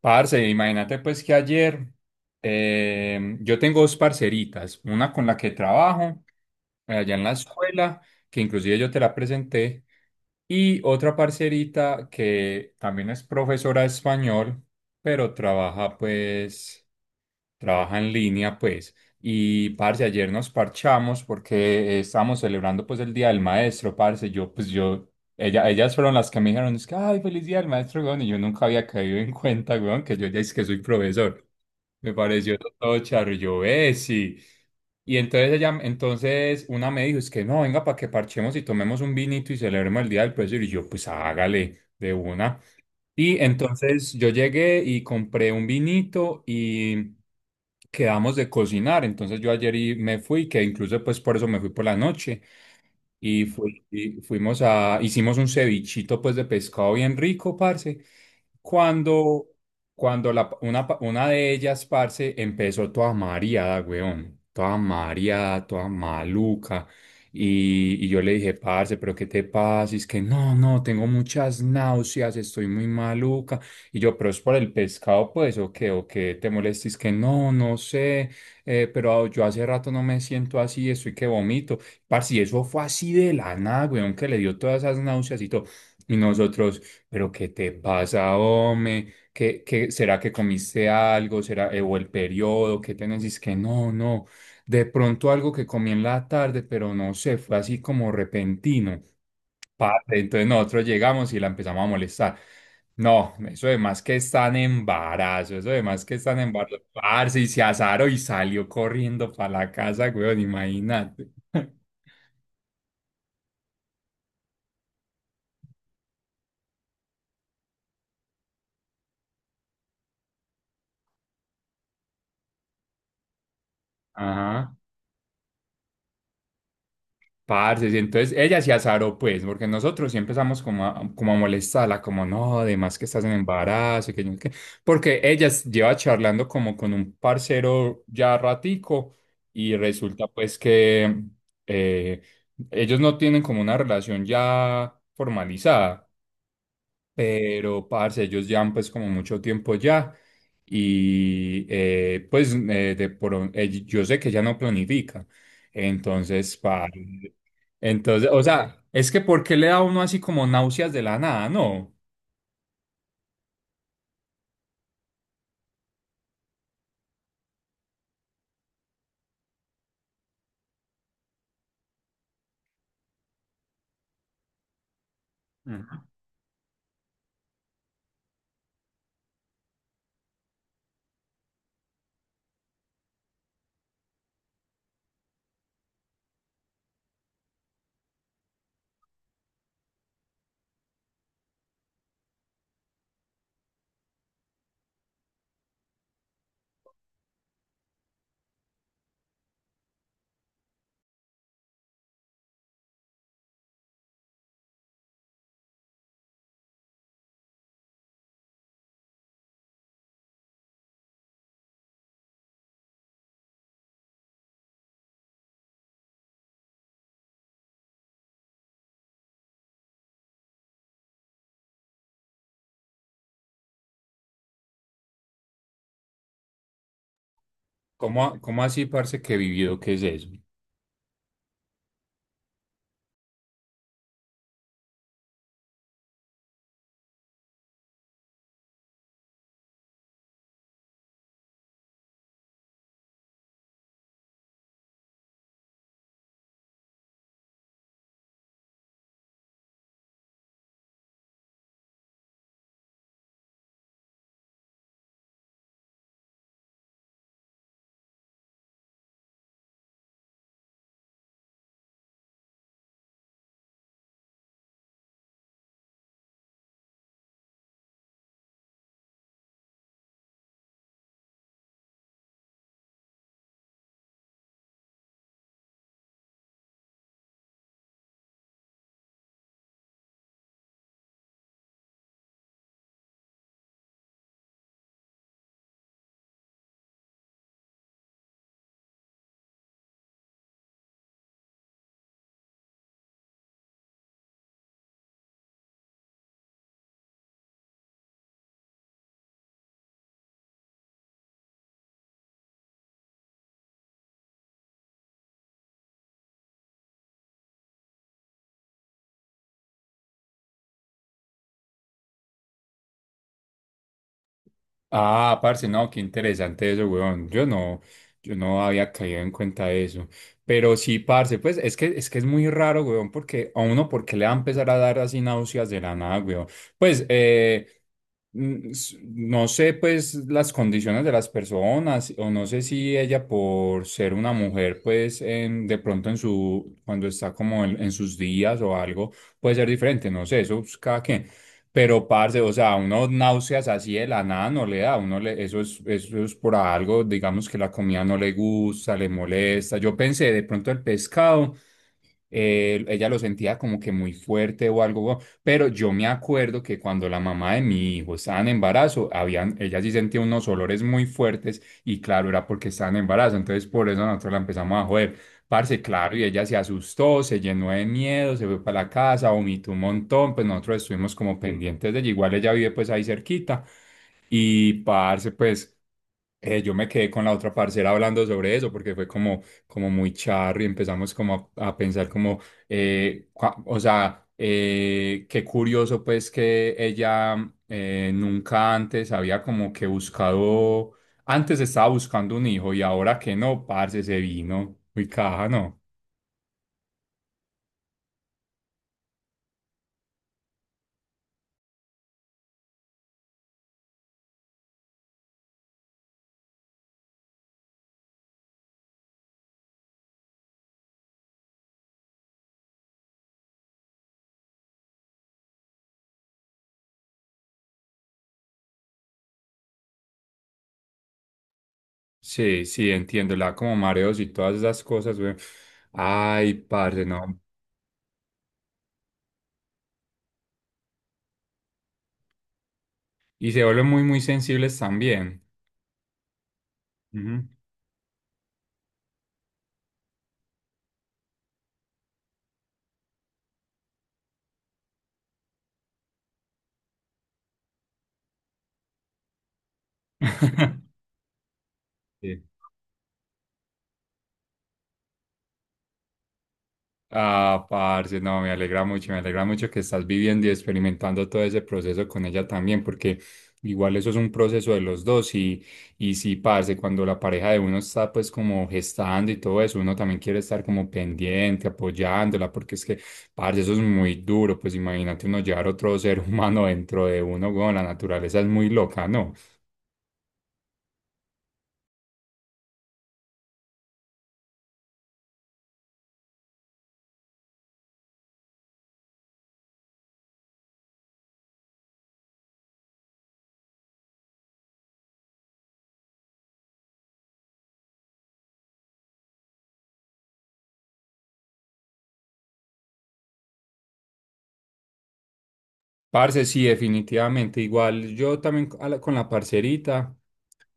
Parce, imagínate pues que ayer yo tengo dos parceritas, una con la que trabajo allá en la escuela, que inclusive yo te la presenté, y otra parcerita que también es profesora de español, pero trabaja pues trabaja en línea, pues. Y, parce, ayer nos parchamos porque estábamos celebrando, pues, el Día del Maestro, parce. Yo, pues, yo, ella, ellas fueron las que me dijeron, es que, ay, feliz Día del Maestro, weón. Y yo nunca había caído en cuenta, weón, que yo ya es que soy profesor. Me pareció todo charro. Y yo, sí. Y entonces ella, entonces una me dijo, es que no, venga, para que parchemos y tomemos un vinito y celebremos el Día del Profesor. Y yo, pues, hágale de una. Y entonces yo llegué y compré un vinito y quedamos de cocinar. Entonces yo ayer y me fui, que incluso pues por eso me fui por la noche. Y, y fuimos a, hicimos un cevichito pues de pescado bien rico, parce. Cuando, cuando la, una, una de ellas, parce, empezó toda mareada, weón. Toda mareada, toda maluca. Y yo le dije, parce, pero ¿qué te pasa? Y es que no, no, tengo muchas náuseas, estoy muy maluca. Y yo, pero es por el pescado, pues, o qué te molestes, que no, no sé, pero yo hace rato no me siento así, estoy que vomito. Parce, y eso fue así de la nada, weón, que le dio todas esas náuseas y todo. Y nosotros, pero ¿qué te pasa, hombre? ¿Qué, qué, será que comiste algo? ¿Será, o el periodo? ¿Qué tenés? Y es que no, no. De pronto algo que comí en la tarde, pero no sé, fue así como repentino. Parce, entonces nosotros llegamos y la empezamos a molestar. No, eso de más que están embarazo, eso de más que están embarazo. Parce, y se azaró y salió corriendo para la casa, weón, imagínate. Ajá, parce, y entonces ella se azaró, pues, porque nosotros sí empezamos como a molestarla, como no, además que estás en embarazo, y que yo no sé qué", porque lleva charlando como con un parcero ya ratico y resulta pues que eh, ellos no tienen como una relación ya formalizada, pero parce, ellos llevan pues como mucho tiempo ya y pues yo sé que ya no planifica, entonces, parce, entonces, o sea, es que ¿por qué le da a uno así como náuseas de la nada? No, ujú. ¿Cómo, cómo así, parce, que vivido, qué es eso? Ah, parce, no, qué interesante eso, weón. Yo no, yo no había caído en cuenta de eso. Pero sí, parce, pues es que es muy raro, weón, porque a uno, ¿por qué le va a empezar a dar así náuseas de la nada, weón? Pues, no sé, pues, las condiciones de las personas, o no sé si ella por ser una mujer, pues, en, de pronto en su, cuando está como en sus días o algo, puede ser diferente, no sé, eso es cada quien. Pero, parce, o sea, a uno náuseas así de la nada no le da, a uno le, eso es por algo, digamos que la comida no le gusta, le molesta. Yo pensé de pronto el pescado, ella lo sentía como que muy fuerte o algo, pero yo me acuerdo que cuando la mamá de mi hijo estaba en embarazo, habían, ella sí sentía unos olores muy fuertes y claro, era porque estaba en embarazo, entonces por eso nosotros la empezamos a joder. Parce, claro, y ella se asustó, se llenó de miedo, se fue para la casa, vomitó un montón, pues nosotros estuvimos como pendientes de ella, igual ella vive pues ahí cerquita y parce, pues... yo me quedé con la otra parcera hablando sobre eso porque fue como, como muy charro y empezamos como a pensar como, o sea, qué curioso pues que ella nunca antes había como que buscado, antes estaba buscando un hijo y ahora que no, parce, se vino, muy caja, ¿no? Sí, sí, entiendo, la como mareos y todas esas cosas, güey. Ay, parce, no. Y se vuelven muy, muy sensibles también. Ujú. Ah, parce, no, me alegra mucho que estás viviendo y experimentando todo ese proceso con ella también, porque igual eso es un proceso de los dos y sí, parce, cuando la pareja de uno está pues como gestando y todo eso, uno también quiere estar como pendiente, apoyándola, porque es que, parce, eso es muy duro, pues imagínate uno llevar otro ser humano dentro de uno, bueno la naturaleza es muy loca, ¿no? Parce, sí, definitivamente, igual yo también con la parcerita.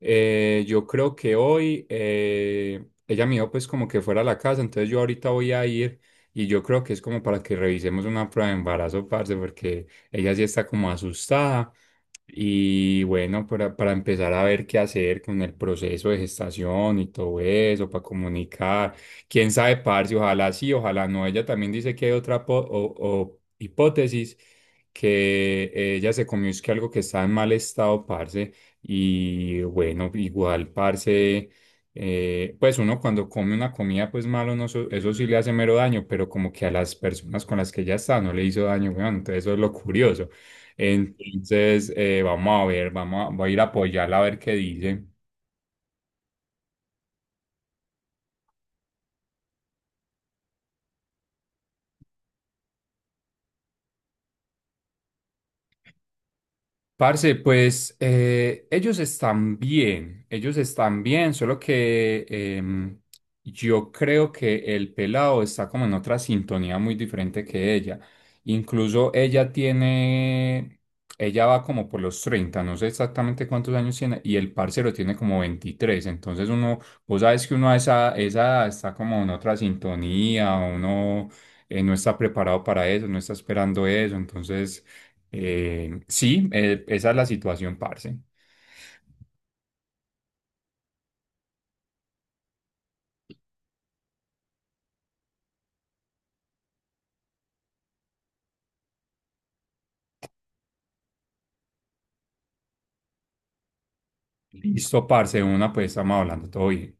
Yo creo que hoy ella me dijo pues como que fuera a la casa, entonces yo ahorita voy a ir y yo creo que es como para que revisemos una prueba de embarazo, parce, porque ella sí está como asustada y bueno, para empezar a ver qué hacer con el proceso de gestación y todo eso, para comunicar, quién sabe, parce, ojalá sí, ojalá no, ella también dice que hay otra o hipótesis que ella se comió es que algo que está en mal estado, parce. Y bueno, igual, parce, pues uno cuando come una comida, pues malo, no, eso sí le hace mero daño, pero como que a las personas con las que ya está no le hizo daño, weón. Entonces eso es lo curioso. Entonces, vamos a ver, vamos a, voy a ir a apoyarla a ver qué dice. Parce, pues ellos están bien, solo que yo creo que el pelado está como en otra sintonía muy diferente que ella. Incluso ella tiene, ella va como por los 30. No sé exactamente cuántos años tiene, y el parcero tiene como 23. Entonces uno, vos sabes que uno a esa, esa edad está como en otra sintonía, uno no está preparado para eso, no está esperando eso, entonces... sí, esa es la situación, parce. Listo, parce, de una, pues estamos hablando todo bien.